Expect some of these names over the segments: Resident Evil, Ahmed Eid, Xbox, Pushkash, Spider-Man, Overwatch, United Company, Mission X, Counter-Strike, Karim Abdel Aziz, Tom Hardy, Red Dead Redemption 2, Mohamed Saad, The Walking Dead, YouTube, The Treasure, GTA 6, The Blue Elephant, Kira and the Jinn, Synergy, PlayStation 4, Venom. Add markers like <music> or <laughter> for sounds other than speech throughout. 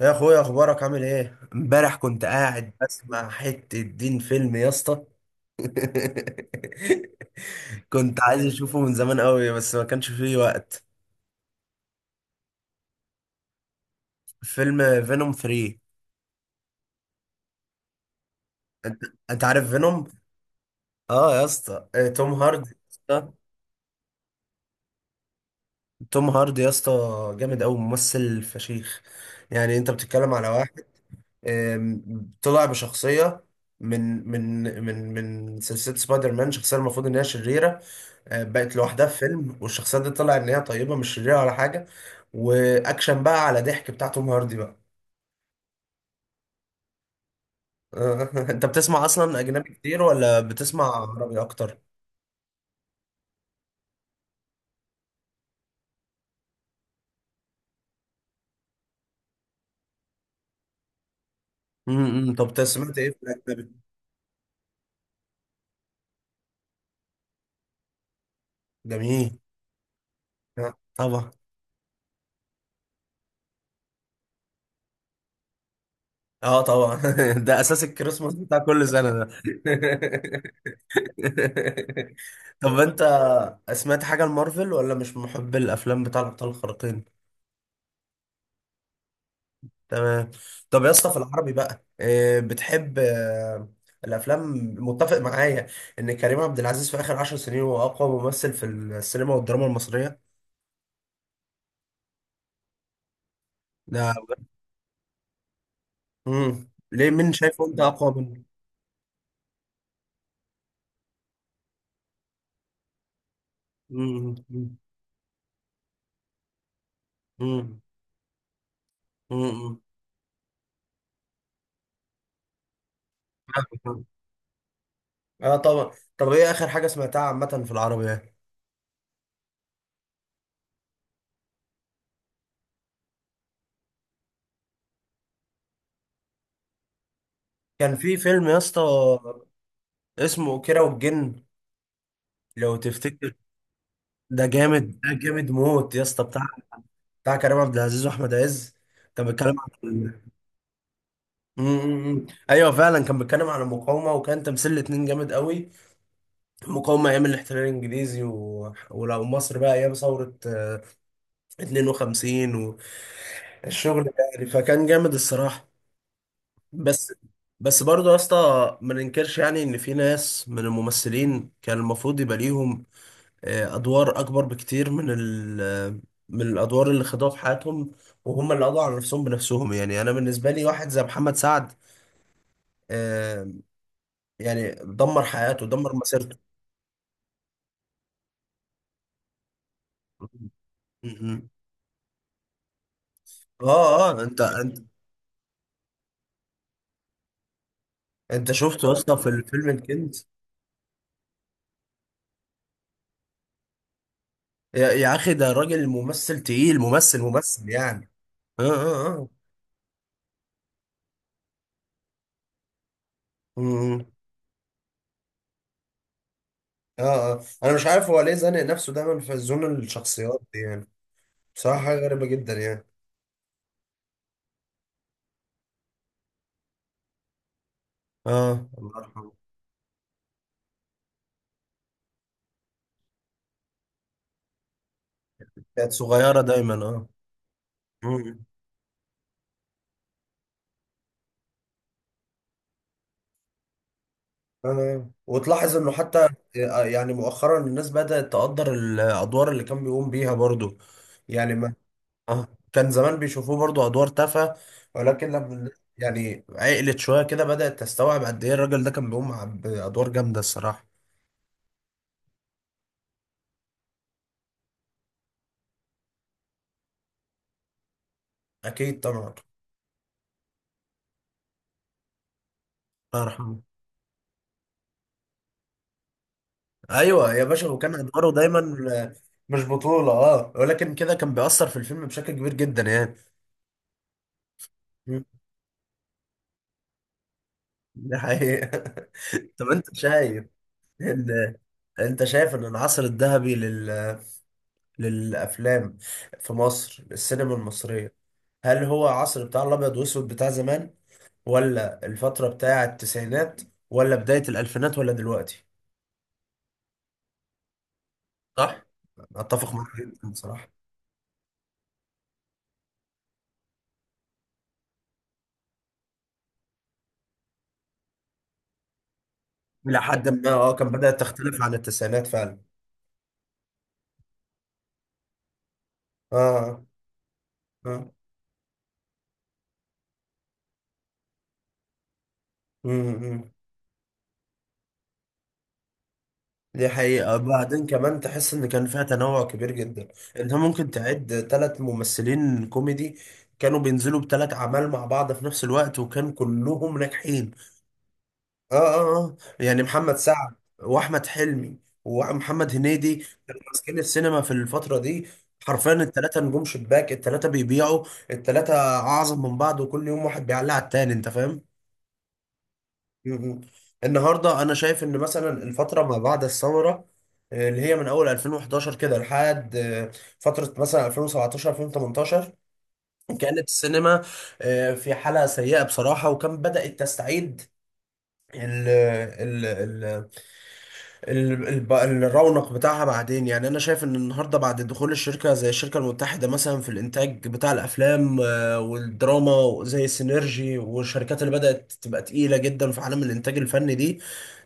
يا اخويا، اخبارك عامل ايه؟ امبارح كنت قاعد بسمع حتة دين فيلم يا اسطى. <laughs> كنت عايز اشوفه من زمان قوي، بس ما كانش فيه وقت. فيلم فينوم 3. انت انت عارف فينوم؟ اه يا اسطى. توم هاردي يا اسطى. توم هاردي يا اسطى، جامد قوي، ممثل فشيخ. يعني انت بتتكلم على واحد طلع بشخصية من سلسلة سبايدر مان، شخصية المفروض إن هي شريرة. بقت لوحدها في فيلم، والشخصية دي طلع إن هي طيبة، مش شريرة ولا حاجة. وأكشن بقى على ضحك بتاع توم هاردي بقى. <laughs> أنت بتسمع أصلا أجنبي كتير ولا بتسمع عربي أكتر؟ طب أنت سمعت إيه في الأجنبي؟ جميل. طبعا. اه طبعا. <laughs> ده اساس الكريسماس بتاع كل سنه ده. <laughs> <laughs> طب انت سمعت حاجة لمارفل ولا مش محب الافلام بتاع الابطال الخارقين؟ تمام. طب يا اسطى في العربي بقى، بتحب الافلام. متفق معايا ان كريم عبد العزيز في اخر 10 سنين هو اقوى ممثل في السينما والدراما المصرية ده. ليه؟ مين شايفه انت اقوى منه؟ امم، امم، امم، امم، امم. اه طبعا. طب ايه اخر حاجة سمعتها عامة في العربي يعني؟ كان في فيلم يا اسطى، اسمه كيرة والجن، لو تفتكر. ده جامد، ده جامد موت يا اسطى، بتاع كريم عبد العزيز واحمد عز. كان بيتكلم عن. امم، ايوه فعلا، كان بيتكلم عن المقاومه، وكان تمثيل الاتنين جامد قوي. المقاومه ايام الاحتلال الانجليزي ولو مصر بقى ايام ثوره 52، والشغل ده يعني، فكان جامد الصراحه. بس بس برضه يا اسطى، ما ننكرش يعني ان في ناس من الممثلين كان المفروض يبقى ليهم ادوار اكبر بكتير من من الادوار اللي خدوها في حياتهم، وهم اللي قضوا على نفسهم بنفسهم. يعني انا بالنسبه لي واحد زي محمد سعد، آه، يعني دمر حياته، دمر مسيرته. م- م. اه اه، انت شفته يا اسطى في الفيلم الكنز؟ يا اخي، ده راجل ممثل تقيل، ممثل ممثل يعني. اه اه اه. م- م. اه اه، انا مش عارف هو ليه زانق نفسه دايما في زون الشخصيات دي يعني. بصراحه حاجه غريبه جدا يعني. اه، الله يرحمه. كانت صغيرة دايما، اه. مم. آه. وتلاحظ انه حتى يعني مؤخرا الناس بدأت تقدر الادوار اللي كان بيقوم بيها برضو. يعني ما اه كان زمان بيشوفوه برضو ادوار تافهة، ولكن لما يعني عقلت شوية كده بدأت تستوعب قد ايه الراجل ده كان بيقوم بادوار جامدة الصراحة. اكيد طبعا. الله يرحمه. ايوه يا باشا، وكان ادواره دايما آه، مش بطولة، اه، ولكن كده كان بيأثر في الفيلم بشكل كبير جدا يعني. مم. ده حقيقة. <laughs> طب انت شايف إن ان العصر الذهبي للافلام في مصر، السينما المصرية، هل هو عصر بتاع الابيض واسود بتاع زمان، ولا الفترة بتاع التسعينات، ولا بداية الالفينات، ولا دلوقتي؟ صح. اتفق معاك جدا بصراحة. الى حد ما، اه، كان بدأت تختلف عن التسعينات فعلا. اه، اه، مم، مم. دي حقيقة، بعدين كمان تحس إن كان فيها تنوع كبير جدا. أنت ممكن تعد 3 ممثلين كوميدي كانوا بينزلوا بتلات أعمال مع بعض في نفس الوقت، وكان كلهم ناجحين. آه آه آه، يعني محمد سعد وأحمد حلمي ومحمد هنيدي، كانوا ماسكين السينما في الفترة دي. حرفيا التلاتة نجوم شباك، التلاتة بيبيعوا، التلاتة أعظم من بعض، وكل يوم واحد بيعلق على التاني. أنت فاهم؟ مهم. النهارده انا شايف ان مثلا الفتره ما بعد الثوره، اللي هي من اول 2011 كده لحد فتره مثلا 2017 2018، كانت السينما في حاله سيئه بصراحه، وكان بدات تستعيد ال ال الرونق بتاعها بعدين. يعني انا شايف ان النهارده بعد دخول الشركه زي الشركه المتحده مثلا في الانتاج بتاع الافلام والدراما زي سينرجي، والشركات اللي بدات تبقى تقيله جدا في عالم الانتاج الفني دي،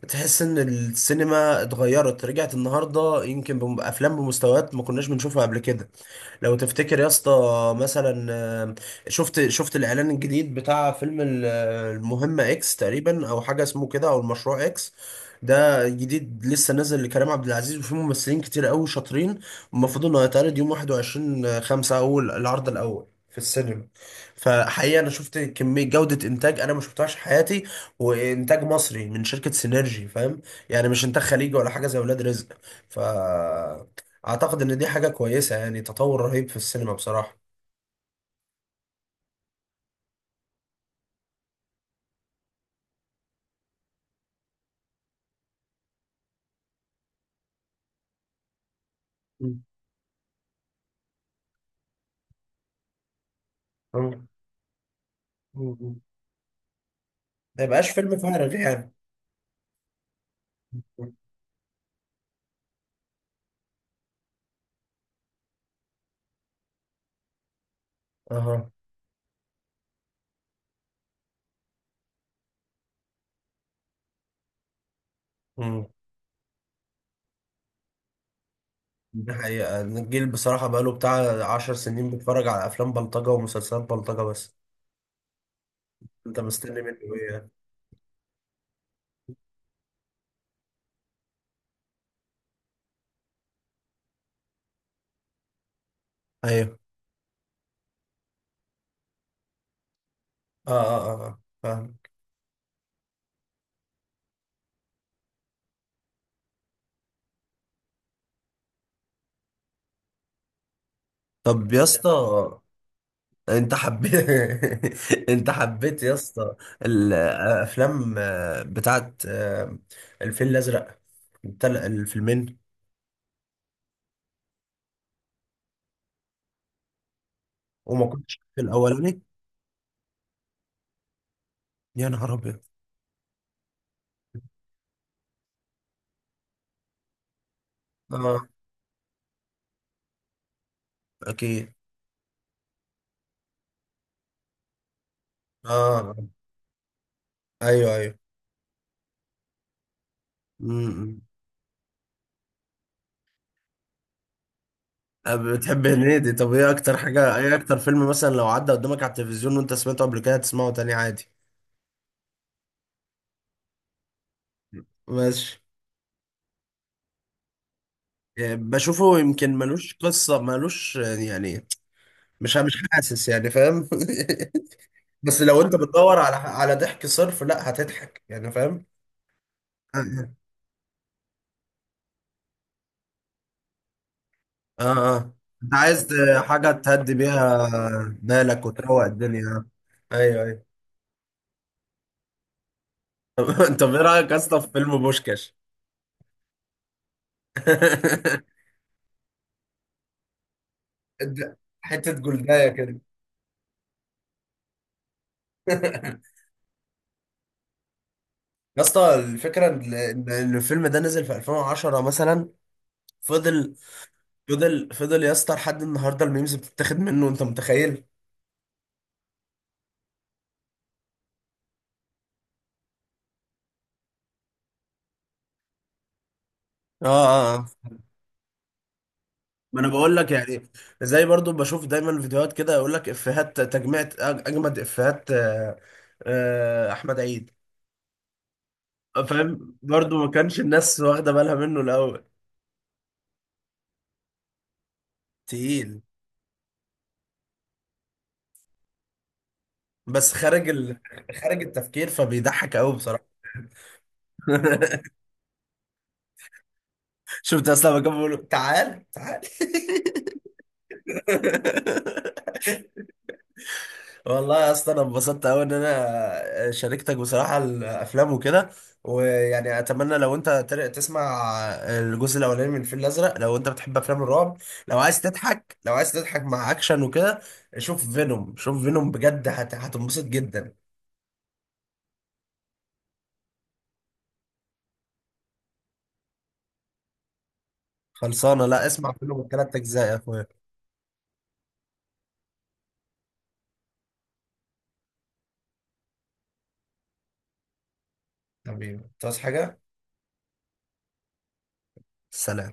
تحس ان السينما اتغيرت، رجعت النهارده يمكن بافلام بمستويات ما كناش بنشوفها قبل كده. لو تفتكر يا اسطى مثلا شفت الاعلان الجديد بتاع فيلم المهمة اكس تقريبا او حاجة اسمه كده، او المشروع اكس، ده جديد لسه نازل لكريم عبد العزيز، وفيه ممثلين كتير قوي شاطرين. المفروض انه هيتعرض يوم 21/5، اول العرض الاول في السينما. فحقيقة انا شفت كمية جودة انتاج انا ما شفتهاش في حياتي، وانتاج مصري من شركة سينرجي فاهم، يعني مش انتاج خليجي ولا حاجة زي ولاد رزق. ف اعتقد ان دي حاجة كويسة، يعني تطور رهيب في السينما بصراحة. مم. مم. مم. ما يبقاش فيلم فارغ يعني. مم. اها. مم. دي حقيقة إن الجيل بصراحة بقاله بتاع 10 سنين بيتفرج على أفلام بلطجة ومسلسلات بلطجة بس. أنت مستني منه إيه يعني؟ أيوه. آه آه آه آه. فاهم. طب يا اسطى أنت حبيت. <laughs> أنت حبيت يا اسطى الأفلام بتاعت الفيل الأزرق، الفيلمين، وما كنتش في الأولاني. يا نهار ابيض. اه اكيد. اه، ايوه ايوه. امم. بتحب هنيدي؟ طب ايه اكتر فيلم مثلا لو عدى قدامك على التلفزيون وانت سمعته قبل كده تسمعه تاني عادي؟ ماشي. إيه، بشوفه يمكن ملوش قصه، ملوش يعني، مش حاسس يعني، فاهم؟ <laughs> بس لو انت بتدور على ضحك صرف، لا هتضحك يعني، فاهم. اه اه. انت عايز حاجه تهدي بيها بالك وتروق الدنيا. ايوه ايوه. <laughs> طب ايه رايك اصلا في فيلم بوشكاش؟ <laughs> حته جلدايه كده. <laughs> يا اسطى الفكره ان إن- إن الفيلم ده نزل في 2010 مثلا، فضل، فضل، فضل يا اسطى لحد النهارده، الميمز بتتاخد منه، انت متخيل؟ اه اه آه. ما انا بقول لك يعني، زي برضو بشوف دايما فيديوهات كده يقول لك افيهات تجميع، اجمد افيهات. احمد عيد، فاهم، برضو ما كانش الناس واخده بالها منه الاول. تقيل، بس خارج خارج التفكير، فبيضحك قوي بصراحه. <laughs> شفت اصلا لما كانوا بيقولوا تعال تعال. <laughs> والله يا اسطى انا انبسطت قوي ان انا شاركتك بصراحه الافلام وكده. ويعني اتمنى لو انت تسمع الجزء الاولاني من الفيل الازرق، لو انت بتحب افلام الرعب، لو عايز تضحك، لو عايز تضحك مع اكشن وكده، شوف فينوم، شوف فينوم بجد، هتنبسط جدا. خلصانه. لا، اسمع فينوم الـ 3 اجزاء يا اخويا. حبيبي، تعوز حاجه؟ سلام.